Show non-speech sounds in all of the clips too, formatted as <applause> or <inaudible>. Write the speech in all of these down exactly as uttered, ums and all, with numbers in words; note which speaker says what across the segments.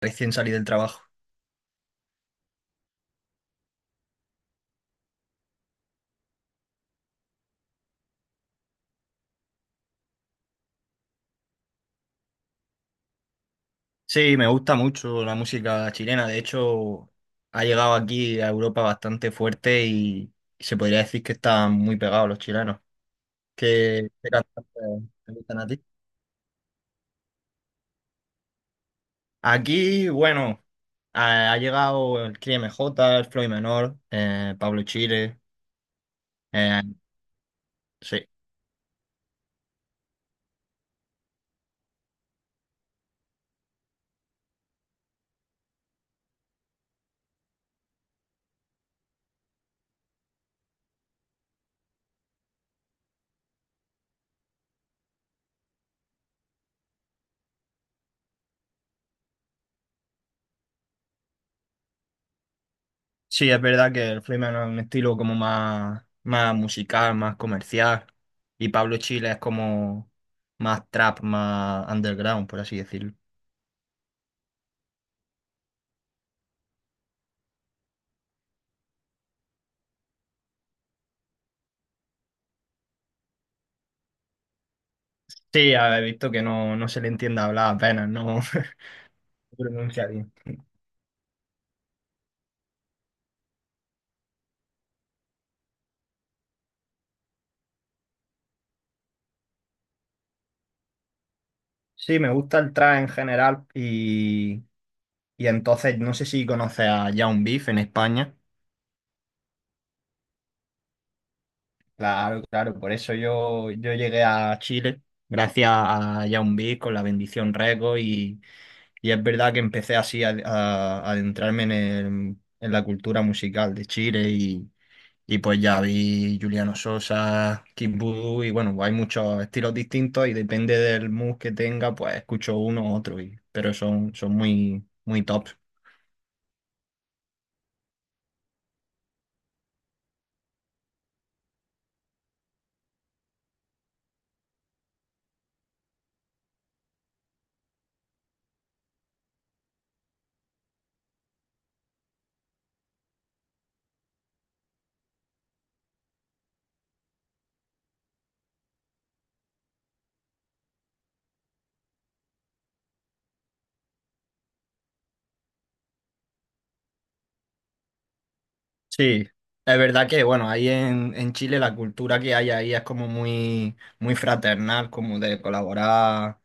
Speaker 1: Recién salí del trabajo. Sí, me gusta mucho la música chilena. De hecho, ha llegado aquí a Europa bastante fuerte y se podría decir que están muy pegados los chilenos. ¿Qué, qué cantantes te gustan a ti? Aquí, bueno, ha, ha llegado el Cris M J, el Floyd Menor, eh, Pablo Chile. eh, sí. Sí, es verdad que el Freeman es un estilo como más, más musical, más comercial. Y Pablo Chile es como más trap, más underground, por así decirlo. Sí, he visto que no, no se le entiende hablar apenas, no <laughs> no pronuncia bien. Sí, me gusta el trap en general y, y entonces no sé si conoces a Young Beef en España. Claro, claro, por eso yo, yo llegué a Chile, gracias a Yaoundé con la bendición Reco y, y es verdad que empecé así a, a- a adentrarme en, el- en la cultura musical de Chile y, y pues ya vi Juliano Sosa, Kid Voodoo y bueno, pues hay muchos estilos distintos y depende del mood que tenga, pues escucho uno u otro, y, pero son, son muy, muy top. Sí, es verdad que, bueno, ahí en, en Chile la cultura que hay ahí es como muy, muy fraternal, como de colaborar,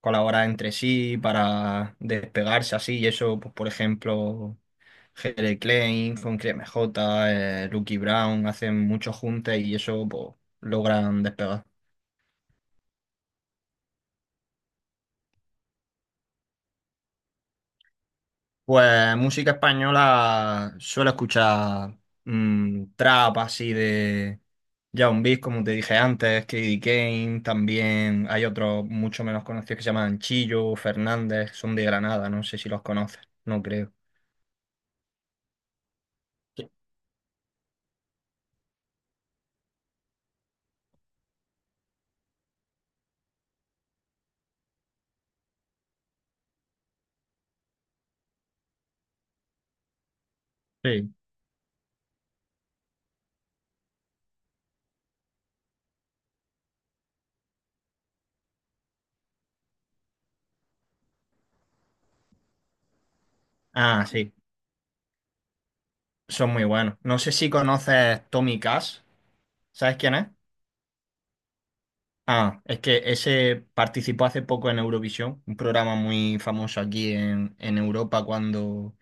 Speaker 1: colaborar entre sí para despegarse así, y eso, pues, por ejemplo, Jere Klein con Cris J. eh, Lucky Brown hacen muchos juntes y eso, pues, logran despegar. Pues música española suelo escuchar mm, trap así de Young Beat, como te dije antes, Kid Kane, también hay otros mucho menos conocidos que se llaman Chillo, Fernández, son de Granada, no sé si los conoces, no creo. Sí. Sí. Ah, sí, son muy buenos. ¿No sé si conoces Tommy Cash, sabes quién es? Ah, es que ese participó hace poco en Eurovisión, un programa muy famoso aquí en, en Europa cuando...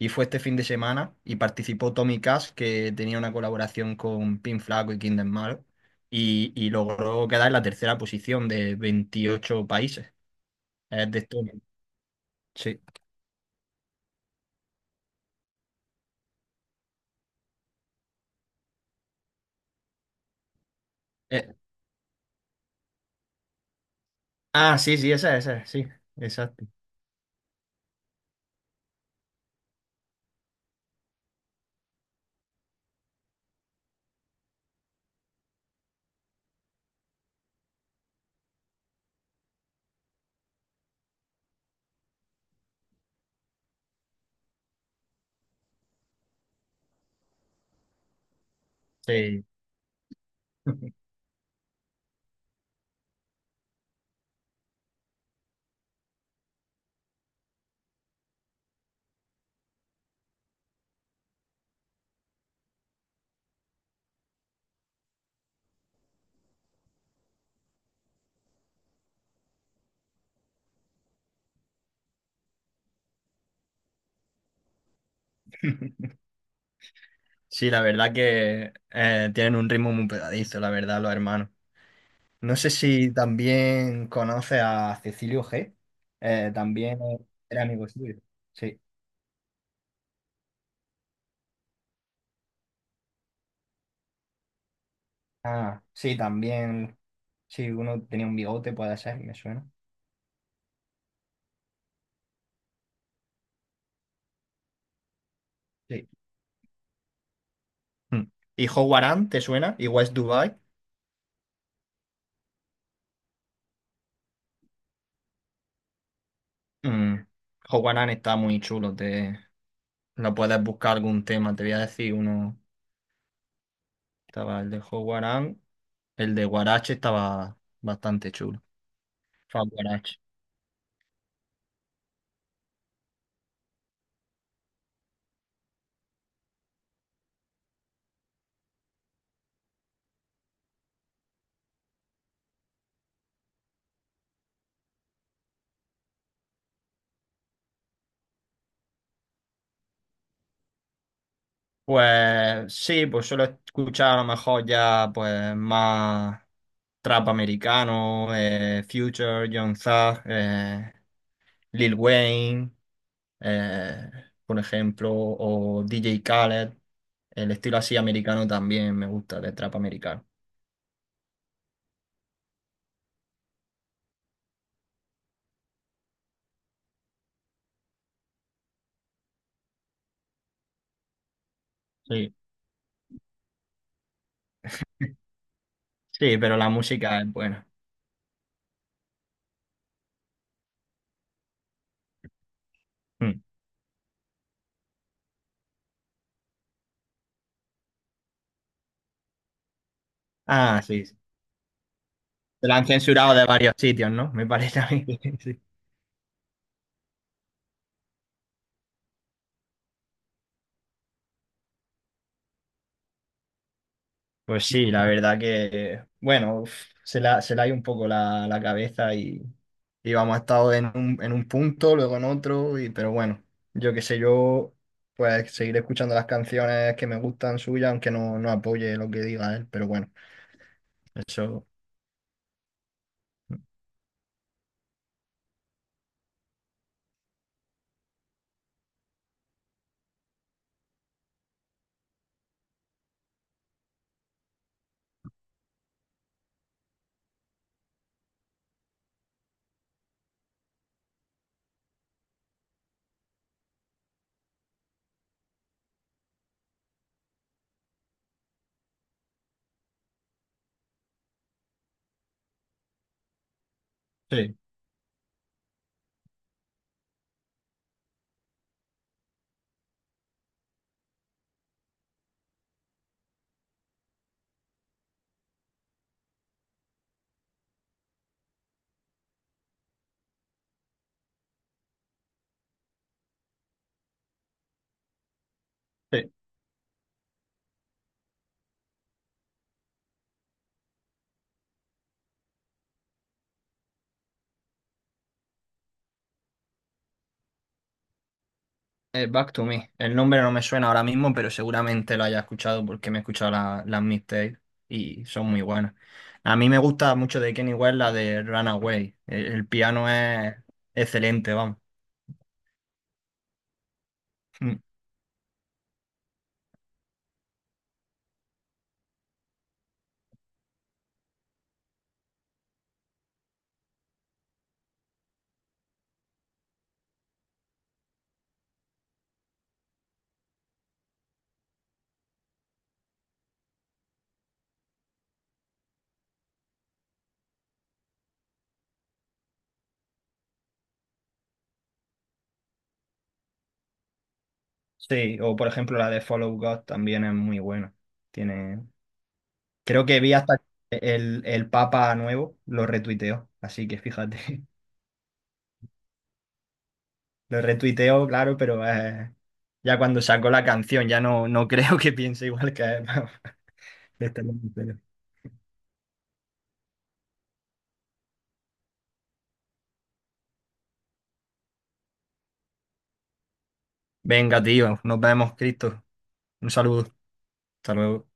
Speaker 1: Y fue este fin de semana y participó Tommy Cash, que tenía una colaboración con Pin Flaco y Kinder Malo, y, y logró quedar en la tercera posición de veintiocho países. Es de Estonia, sí. Eh, ah, sí, sí, esa, esa, sí, exacto. Sí. <laughs> Sí, la verdad que eh, tienen un ritmo muy pegadizo, la verdad, los hermanos. No sé si también conoce a Cecilio G. eh, también era amigo suyo. Sí. Ah, sí, también. Sí, uno tenía un bigote, puede ser, me suena. Sí. Mm. ¿Y Howard Hunt, te suena? ¿Y West Dubai? Mm. Howard Hunt está muy chulo. Te... Lo puedes buscar algún tema. Te voy a decir uno. Estaba el de Howard Hunt, el de Guarache estaba bastante chulo. Fue a Guarache. Pues sí, pues suelo escuchar a lo mejor ya pues más trap americano, eh, Future, Young Thug, eh, Lil Wayne, eh, por ejemplo, o D J Khaled. El estilo así americano también me gusta, de trap americano. Sí, <laughs> sí, pero la música es buena. Mm. Ah, sí. sí. Se la han censurado de varios sitios, ¿no? Me parece a mí. <laughs> Pues sí, la verdad que, bueno, uf, se la, se la hay un poco la, la cabeza y, y vamos, ha estado en un, en un, punto, luego en otro, y, pero bueno, yo qué sé, yo pues seguiré escuchando las canciones que me gustan suyas, aunque no, no apoye lo que diga él, pero bueno, eso sí. Sí. Eh, Back to Me. El nombre no me suena ahora mismo, pero seguramente lo haya escuchado porque me he escuchado la- las mixtapes y son muy buenas. A mí me gusta mucho de Kenny West la de Runaway. El, el piano es excelente, vamos. Mm. Sí, o por ejemplo la de Follow God también es muy buena. Tiene... Creo que vi hasta el, el Papa nuevo, lo retuiteó, así que fíjate. <laughs> Lo retuiteó, claro, pero eh, ya cuando sacó la canción ya no, no <laughs> creo que piense igual que él. <laughs> De estar en el imperio. Venga, tío, nos vemos, Cristo. Un saludo. Hasta luego.